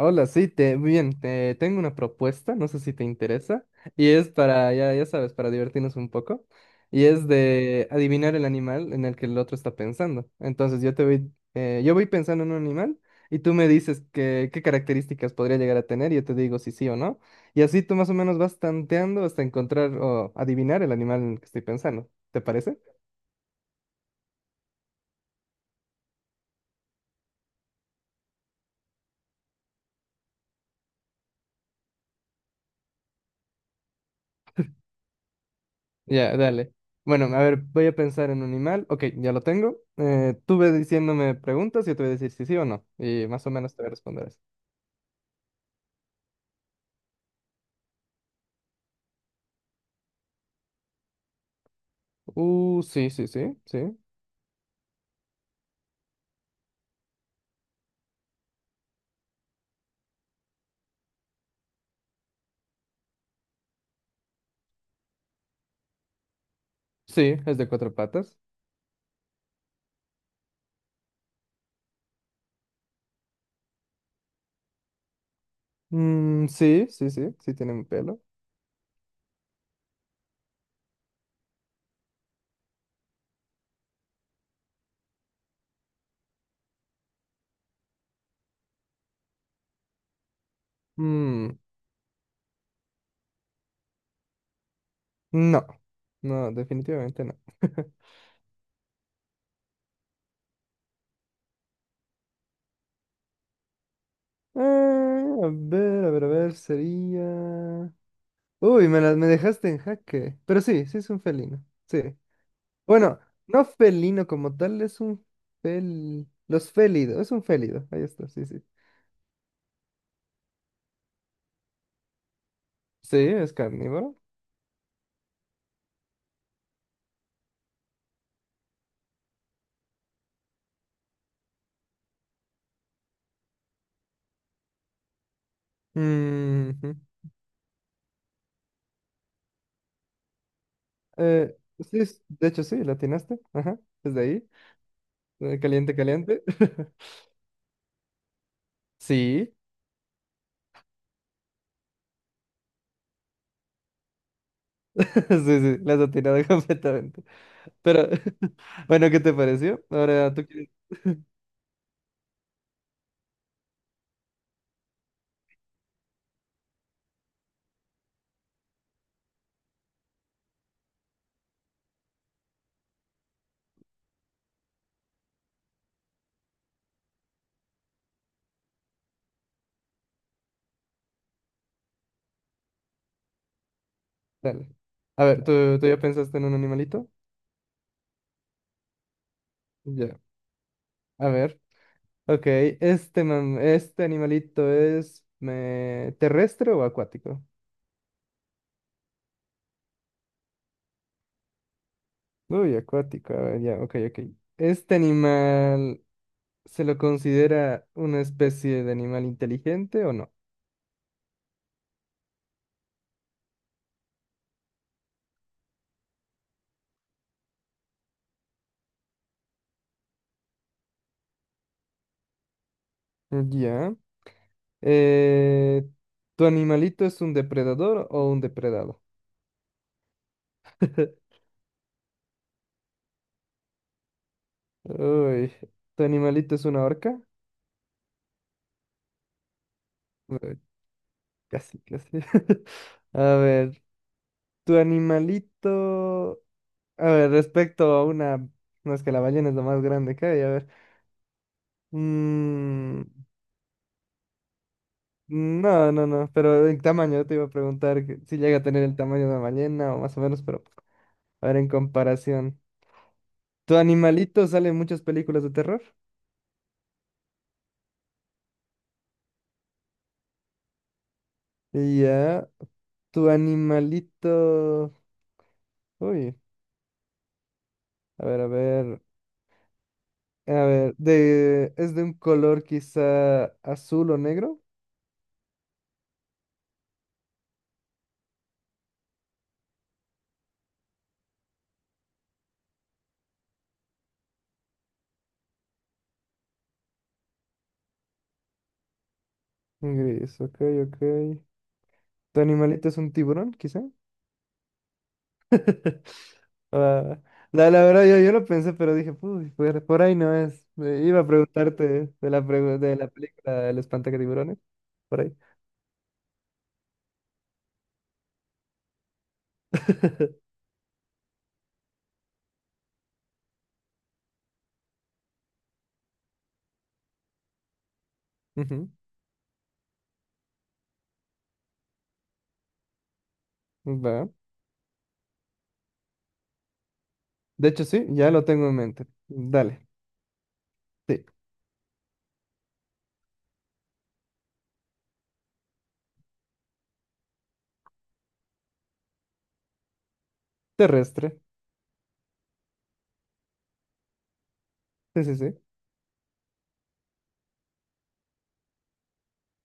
Hola, sí, muy bien, te tengo una propuesta, no sé si te interesa, y es para, ya sabes, para divertirnos un poco, y es de adivinar el animal en el que el otro está pensando. Entonces yo voy pensando en un animal y tú me dices qué características podría llegar a tener, y yo te digo si sí o no, y así tú más o menos vas tanteando hasta encontrar o adivinar el animal en el que estoy pensando, ¿te parece? Ya, dale. Bueno, a ver, voy a pensar en un animal. Ok, ya lo tengo. Tú ve diciéndome preguntas y yo te voy a decir si sí o no. Y más o menos te voy a responder eso. Sí, sí, sí, sí. Sí, es de cuatro patas. Mm, sí, sí, sí, sí tiene un pelo. Mm, no, no, definitivamente no. A ver, a ver, a ver, sería... Uy, me dejaste en jaque. Pero sí, sí es un felino. Sí. Bueno, no felino como tal, es un fel... Los félidos, es un félido, ahí está, sí, sí. Sí, es carnívoro. Ujú. Eh, sí, de hecho sí, la atinaste, ajá, desde ahí. Caliente, caliente. Sí, sí, sí, la has atinado completamente. Pero, bueno, ¿qué te pareció? Ahora tú quieres... Dale. A ver, ¿tú ya pensaste en un animalito? Ya, a ver. Ok, este, ¿este animalito es terrestre o acuático? Uy, acuático, a ver, ya, ok, ok. ¿Este animal se lo considera una especie de animal inteligente o no? Ya. Eh, ¿Tu animalito es un depredador o un depredado? Uy, ¿tu animalito es una orca? Uy, casi, casi. A ver, ¿tu animalito... A ver, respecto a una... No, es que la ballena es lo más grande que hay, a ver. Mm, no, no, no, pero el tamaño, te iba a preguntar que si llega a tener el tamaño de una ballena o más o menos, pero a ver en comparación. Tu animalito sale en muchas películas de terror. Y ya, tu animalito... Uy, a ver, a ver, a ver, es de un color quizá azul o negro. Gris, ok, ok. ¿Tu animalito es un tiburón, quizá? Ah, la verdad, yo lo pensé, pero dije, "Uy, por ahí no es. Iba a preguntarte de la película El espantatiburones, por ahí. Ujú, va. De hecho, sí, ya lo tengo en mente. Dale, sí. Terrestre. Sí, sí, sí.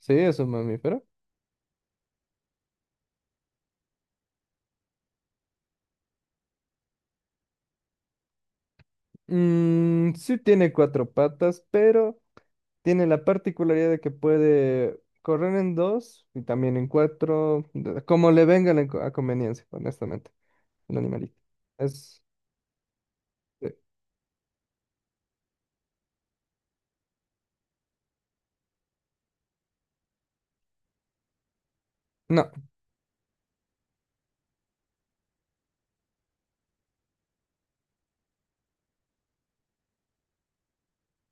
Sí, es un mamífero. Mm, sí tiene cuatro patas, pero tiene la particularidad de que puede correr en dos y también en cuatro, como le venga a conveniencia, honestamente, el animalito. Es, No,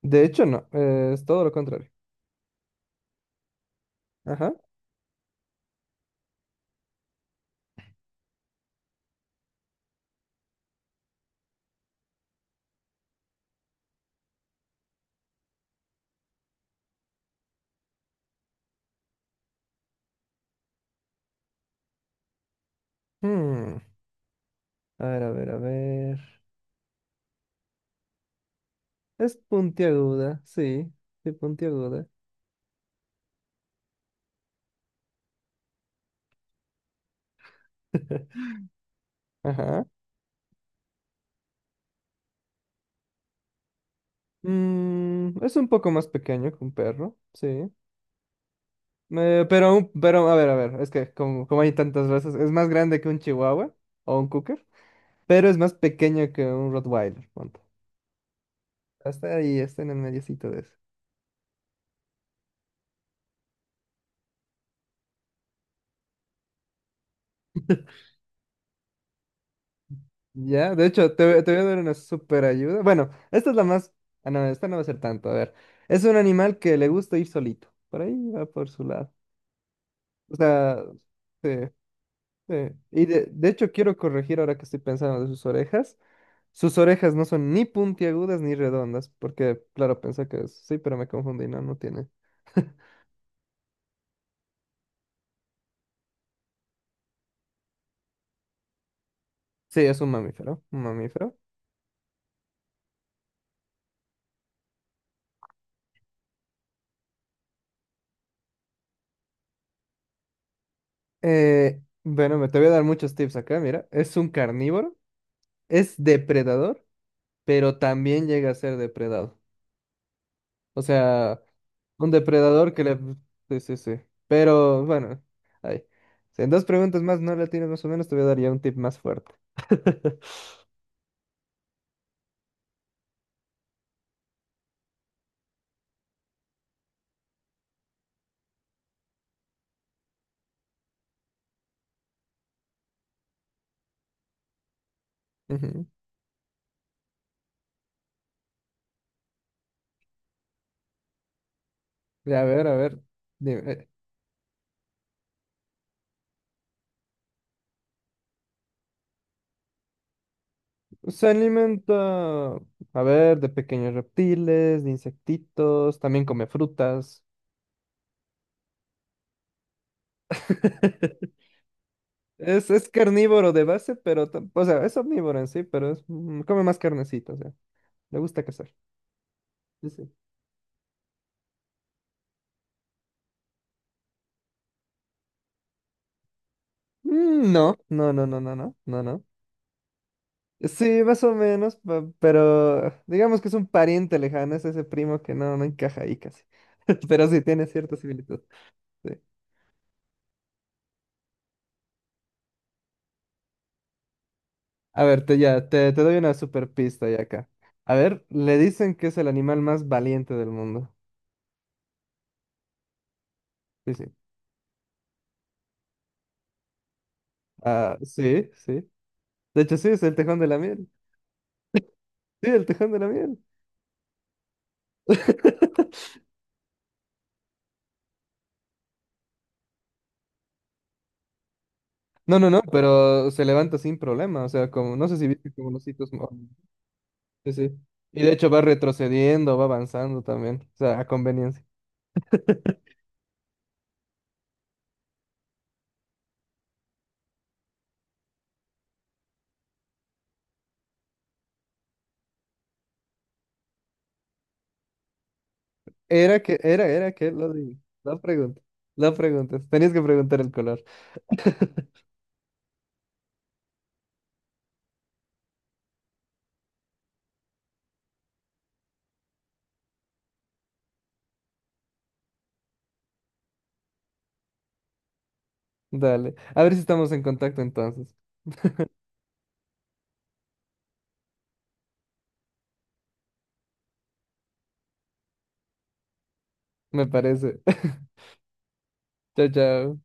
de hecho no, es todo lo contrario. Ajá. Hmm, A ver, a ver, a ver. Es puntiaguda, sí, sí, puntiaguda. Ajá. Mm, es un poco más pequeño que un perro, sí. Pero, pero, a ver, es que como, como hay tantas razas, es más grande que un chihuahua o un cocker, pero es más pequeño que un Rottweiler, ponte. Hasta ahí, está en el mediocito de eso. Ya, de hecho, te voy a dar una super ayuda. Bueno, esta es la más. Ah, no, esta no va a ser tanto. A ver. Es un animal que le gusta ir solito. Por ahí va por su lado. O sea, sí, sí. Y de hecho, quiero corregir ahora que estoy pensando de sus orejas. Sus orejas no son ni puntiagudas ni redondas. Porque, claro, pensé que sí, pero me confundí. No, no tiene. Sí, es un mamífero. Un mamífero. Bueno, me te voy a dar muchos tips acá, mira. Es un carnívoro. Es depredador, pero también llega a ser depredado. O sea, un depredador que le... Sí, sí, sí. Pero bueno, ahí. Si en dos preguntas más no la tienes más o menos, te voy a dar ya un tip más fuerte. Ujú. Ya, a ver, a ver. Dime, se alimenta, a ver, de pequeños reptiles, de insectitos, también come frutas. Es carnívoro de base, pero, o sea, es omnívoro en sí, pero es, mm, come más carnecita, o sea, le gusta cazar. Sí, sí. Mm, no, no, no, no, no, no, no, no. Sí, más o menos, pero digamos que es un pariente lejano, es ese primo que no encaja ahí casi. Pero sí, tiene cierta similitud. Sí. A ver, te doy una super pista ya acá. A ver, le dicen que es el animal más valiente del mundo. Sí, sí. Ah, sí, sí. De hecho, sí, es el tejón de la miel. Sí, el tejón de la miel. No, no, no, pero se levanta sin problema. O sea, como, no sé si viste como los hitos. Sí, sí. Y de hecho va retrocediendo, va avanzando también, o sea, a conveniencia. Era que, era que lo de, la pregunta, la pregunta, tenías que preguntar el color. Dale, a ver si estamos en contacto entonces, me parece. Chao, chao.